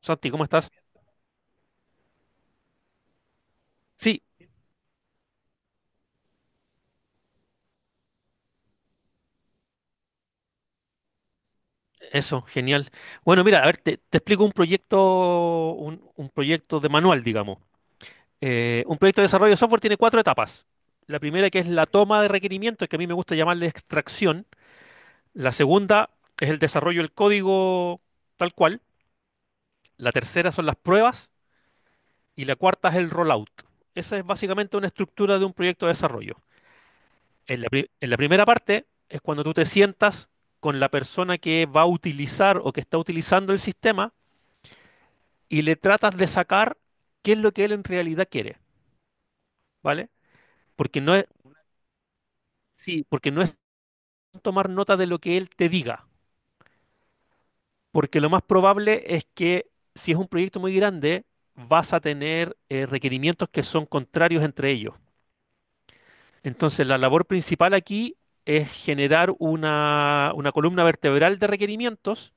Santi, ¿cómo estás? Sí, eso, genial. Bueno, mira, a ver, te explico un proyecto, un proyecto de manual, digamos. Un proyecto de desarrollo de software tiene cuatro etapas. La primera que es la toma de requerimientos, que a mí me gusta llamarle extracción. La segunda es el desarrollo del código tal cual. La tercera son las pruebas y la cuarta es el rollout. Esa es básicamente una estructura de un proyecto de desarrollo. En la primera parte es cuando tú te sientas con la persona que va a utilizar o que está utilizando el sistema y le tratas de sacar qué es lo que él en realidad quiere, ¿vale? Porque no es, sí, porque no es tomar nota de lo que él te diga, porque lo más probable es que si es un proyecto muy grande, vas a tener requerimientos que son contrarios entre ellos. Entonces, la labor principal aquí es generar una columna vertebral de requerimientos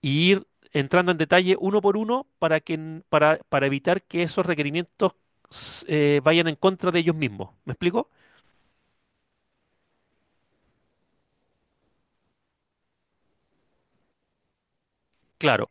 y ir entrando en detalle uno por uno para para evitar que esos requerimientos vayan en contra de ellos mismos. ¿Me explico? Claro,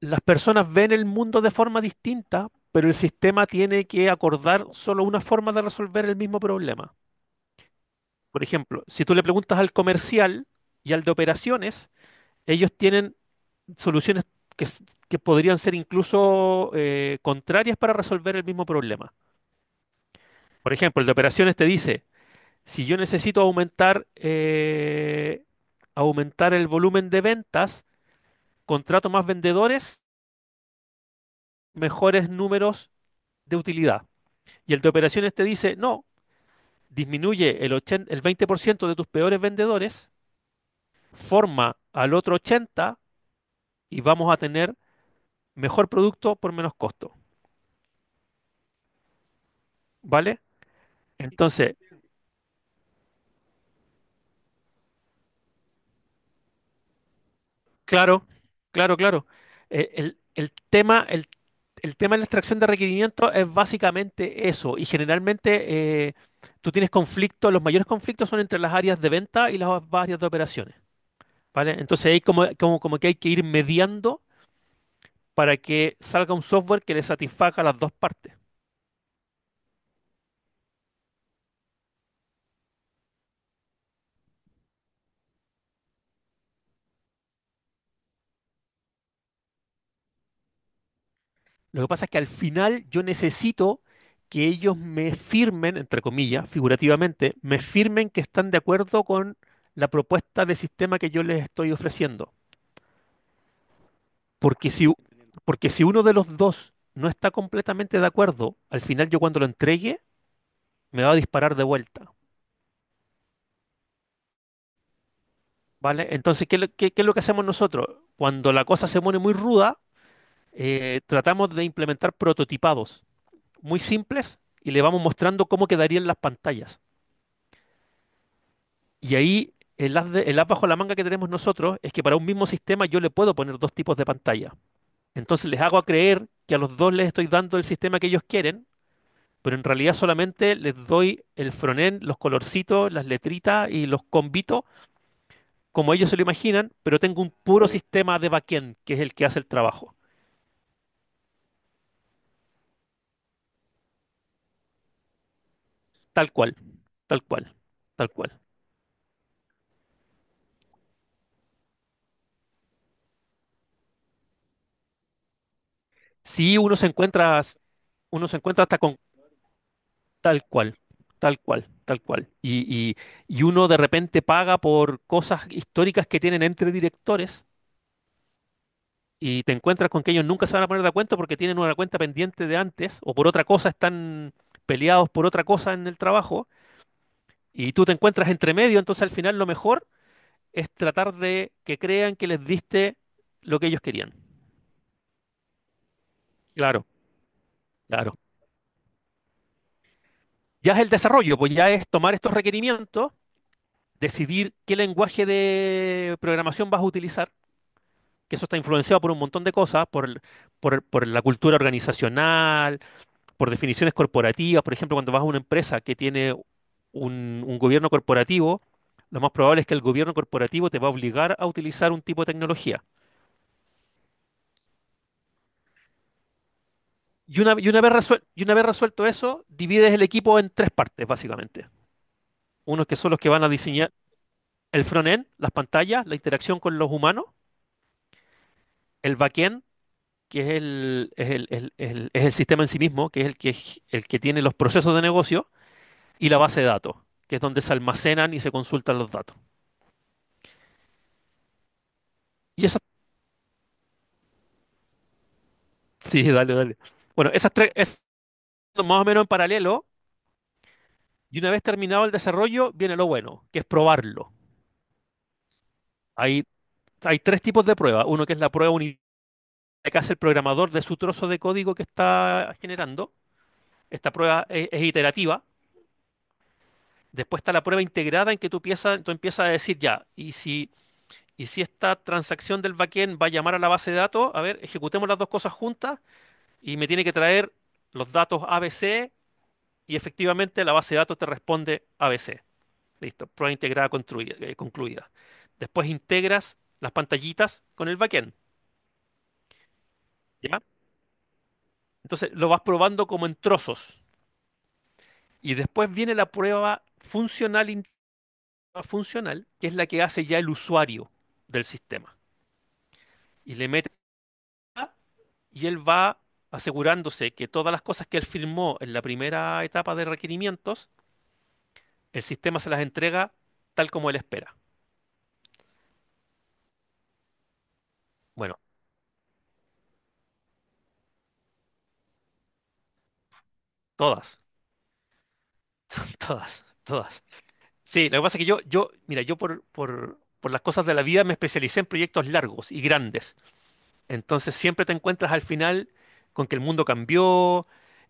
las personas ven el mundo de forma distinta, pero el sistema tiene que acordar solo una forma de resolver el mismo problema. Por ejemplo, si tú le preguntas al comercial y al de operaciones, ellos tienen soluciones que podrían ser incluso contrarias para resolver el mismo problema. Por ejemplo, el de operaciones te dice, si yo necesito aumentar, aumentar el volumen de ventas, contrato más vendedores, mejores números de utilidad. Y el de operaciones te dice, no, disminuye 80 el 20% de tus peores vendedores, forma al otro 80% y vamos a tener mejor producto por menos costo. ¿Vale? Entonces, claro, claro. El tema, el. El tema de la extracción de requerimientos es básicamente eso, y generalmente tú tienes conflictos, los mayores conflictos son entre las áreas de venta y las áreas de operaciones, ¿vale? Entonces ahí como, como que hay que ir mediando para que salga un software que le satisfaga a las dos partes. Lo que pasa es que al final yo necesito que ellos me firmen, entre comillas, figurativamente, me firmen que están de acuerdo con la propuesta de sistema que yo les estoy ofreciendo. Porque si, u- porque si uno de los dos no está completamente de acuerdo, al final yo cuando lo entregue me va a disparar de vuelta, ¿vale? Entonces, ¿qué es lo que hacemos nosotros? Cuando la cosa se pone muy ruda, tratamos de implementar prototipados muy simples y le vamos mostrando cómo quedarían las pantallas. Y ahí el as bajo la manga que tenemos nosotros es que para un mismo sistema yo le puedo poner dos tipos de pantalla. Entonces les hago a creer que a los dos les estoy dando el sistema que ellos quieren, pero en realidad solamente les doy el frontend, los colorcitos, las letritas y los combitos, como ellos se lo imaginan, pero tengo un puro sistema de backend, que es el que hace el trabajo. Tal cual, tal cual, tal cual. Si uno se encuentra, uno se encuentra hasta con tal cual, tal cual, tal cual. Y- y uno de repente paga por cosas históricas que tienen entre directores y te encuentras con que ellos nunca se van a poner de acuerdo porque tienen una cuenta pendiente de antes o por otra cosa están peleados por otra cosa en el trabajo y tú te encuentras entre medio, entonces al final lo mejor es tratar de que crean que les diste lo que ellos querían. Claro, claro. Ya es el desarrollo, pues ya es tomar estos requerimientos, decidir qué lenguaje de programación vas a utilizar, que eso está influenciado por un montón de cosas, por la cultura organizacional, por definiciones corporativas, por ejemplo, cuando vas a una empresa que tiene un gobierno corporativo, lo más probable es que el gobierno corporativo te va a obligar a utilizar un tipo de tecnología. Y una vez resuelto eso, divides el equipo en tres partes, básicamente. Unos que son los que van a diseñar el front-end, las pantallas, la interacción con los humanos, el back-end, que es el sistema en sí mismo, que es el que el que tiene los procesos de negocio, y la base de datos, que es donde se almacenan y se consultan los datos. Y esas... Sí, dale, dale. Bueno, esas tres, es más o menos en paralelo. Y una vez terminado el desarrollo, viene lo bueno, que es probarlo. Hay, hay tres tipos de prueba. Uno que es la prueba unitaria que hace el programador de su trozo de código que está generando. Esta prueba es iterativa. Después está la prueba integrada en que tú empiezas a decir ya, y si esta transacción del backend va a llamar a la base de datos, a ver, ejecutemos las dos cosas juntas y me tiene que traer los datos ABC y efectivamente la base de datos te responde ABC. Listo, concluida. Después integras las pantallitas con el backend, ¿ya? Entonces lo vas probando como en trozos. Y después viene la prueba funcional, funcional, que es la que hace ya el usuario del sistema. Y le mete, y él va asegurándose que todas las cosas que él firmó en la primera etapa de requerimientos, el sistema se las entrega tal como él espera. Bueno, todas, todas, todas. Sí, lo que pasa es que mira, yo por las cosas de la vida me especialicé en proyectos largos y grandes. Entonces siempre te encuentras al final con que el mundo cambió,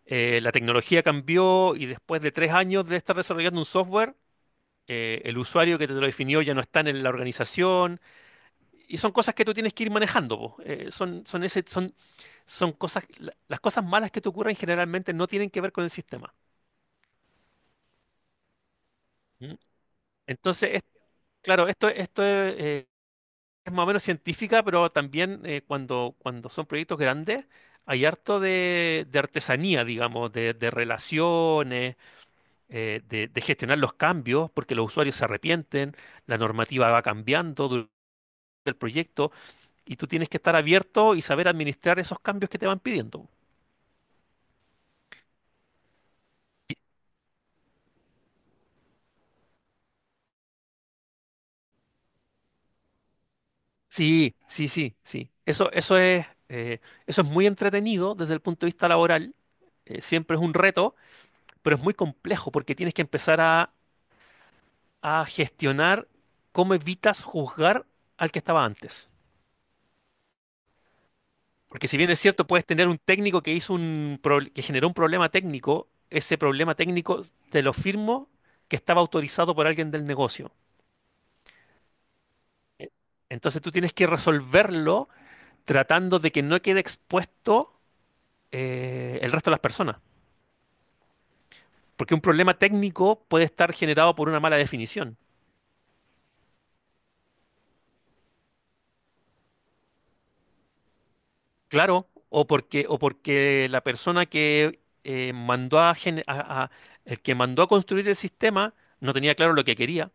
la tecnología cambió y después de 3 años de estar desarrollando un software, el usuario que te lo definió ya no está en la organización. Y son cosas que tú tienes que ir manejando, po. Son cosas, las cosas malas que te ocurren generalmente no tienen que ver con el sistema. ¿Mm? Entonces, es- claro, esto es más o menos científica, pero también cuando son proyectos grandes, hay harto de artesanía, digamos, de relaciones, de gestionar los cambios, porque los usuarios se arrepienten, la normativa va cambiando durante el proyecto, y tú tienes que estar abierto y saber administrar esos cambios que te van pidiendo. Sí, sí, sí, sí. Eso es muy entretenido desde el punto de vista laboral. Eh, siempre es un reto, pero es muy complejo porque tienes que empezar a gestionar cómo evitas juzgar al que estaba antes. Porque si bien es cierto, puedes tener un técnico que que generó un problema técnico, ese problema técnico te lo firmo que estaba autorizado por alguien del negocio. Entonces tú tienes que resolverlo tratando de que no quede expuesto el resto de las personas. Porque un problema técnico puede estar generado por una mala definición. Claro, o porque la persona que mandó a, gen- a- el que mandó a construir el sistema no tenía claro lo que quería,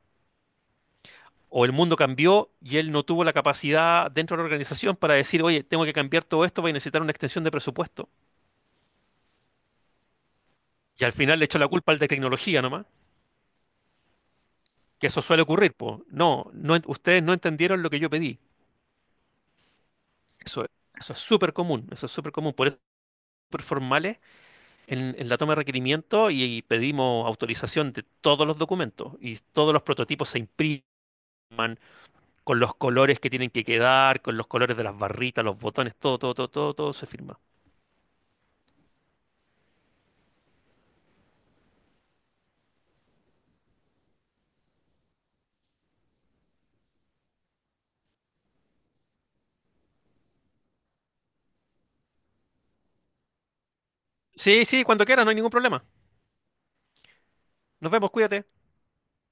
o el mundo cambió y él no tuvo la capacidad dentro de la organización para decir, oye, tengo que cambiar todo esto, voy a necesitar una extensión de presupuesto. Y al final le echó la culpa al de tecnología nomás, que eso suele ocurrir, pues. No, no, ustedes no entendieron lo que yo pedí. Eso, eso es súper común, eso es súper común. Por eso, súper formales en la toma de requerimiento y pedimos autorización de todos los documentos y todos los prototipos se imprimen con los colores que tienen que quedar, con los colores de las barritas, los botones, todo, todo, todo, todo, todo se firma. Sí, sí, cuando quieras, no hay ningún problema. Nos vemos, cuídate.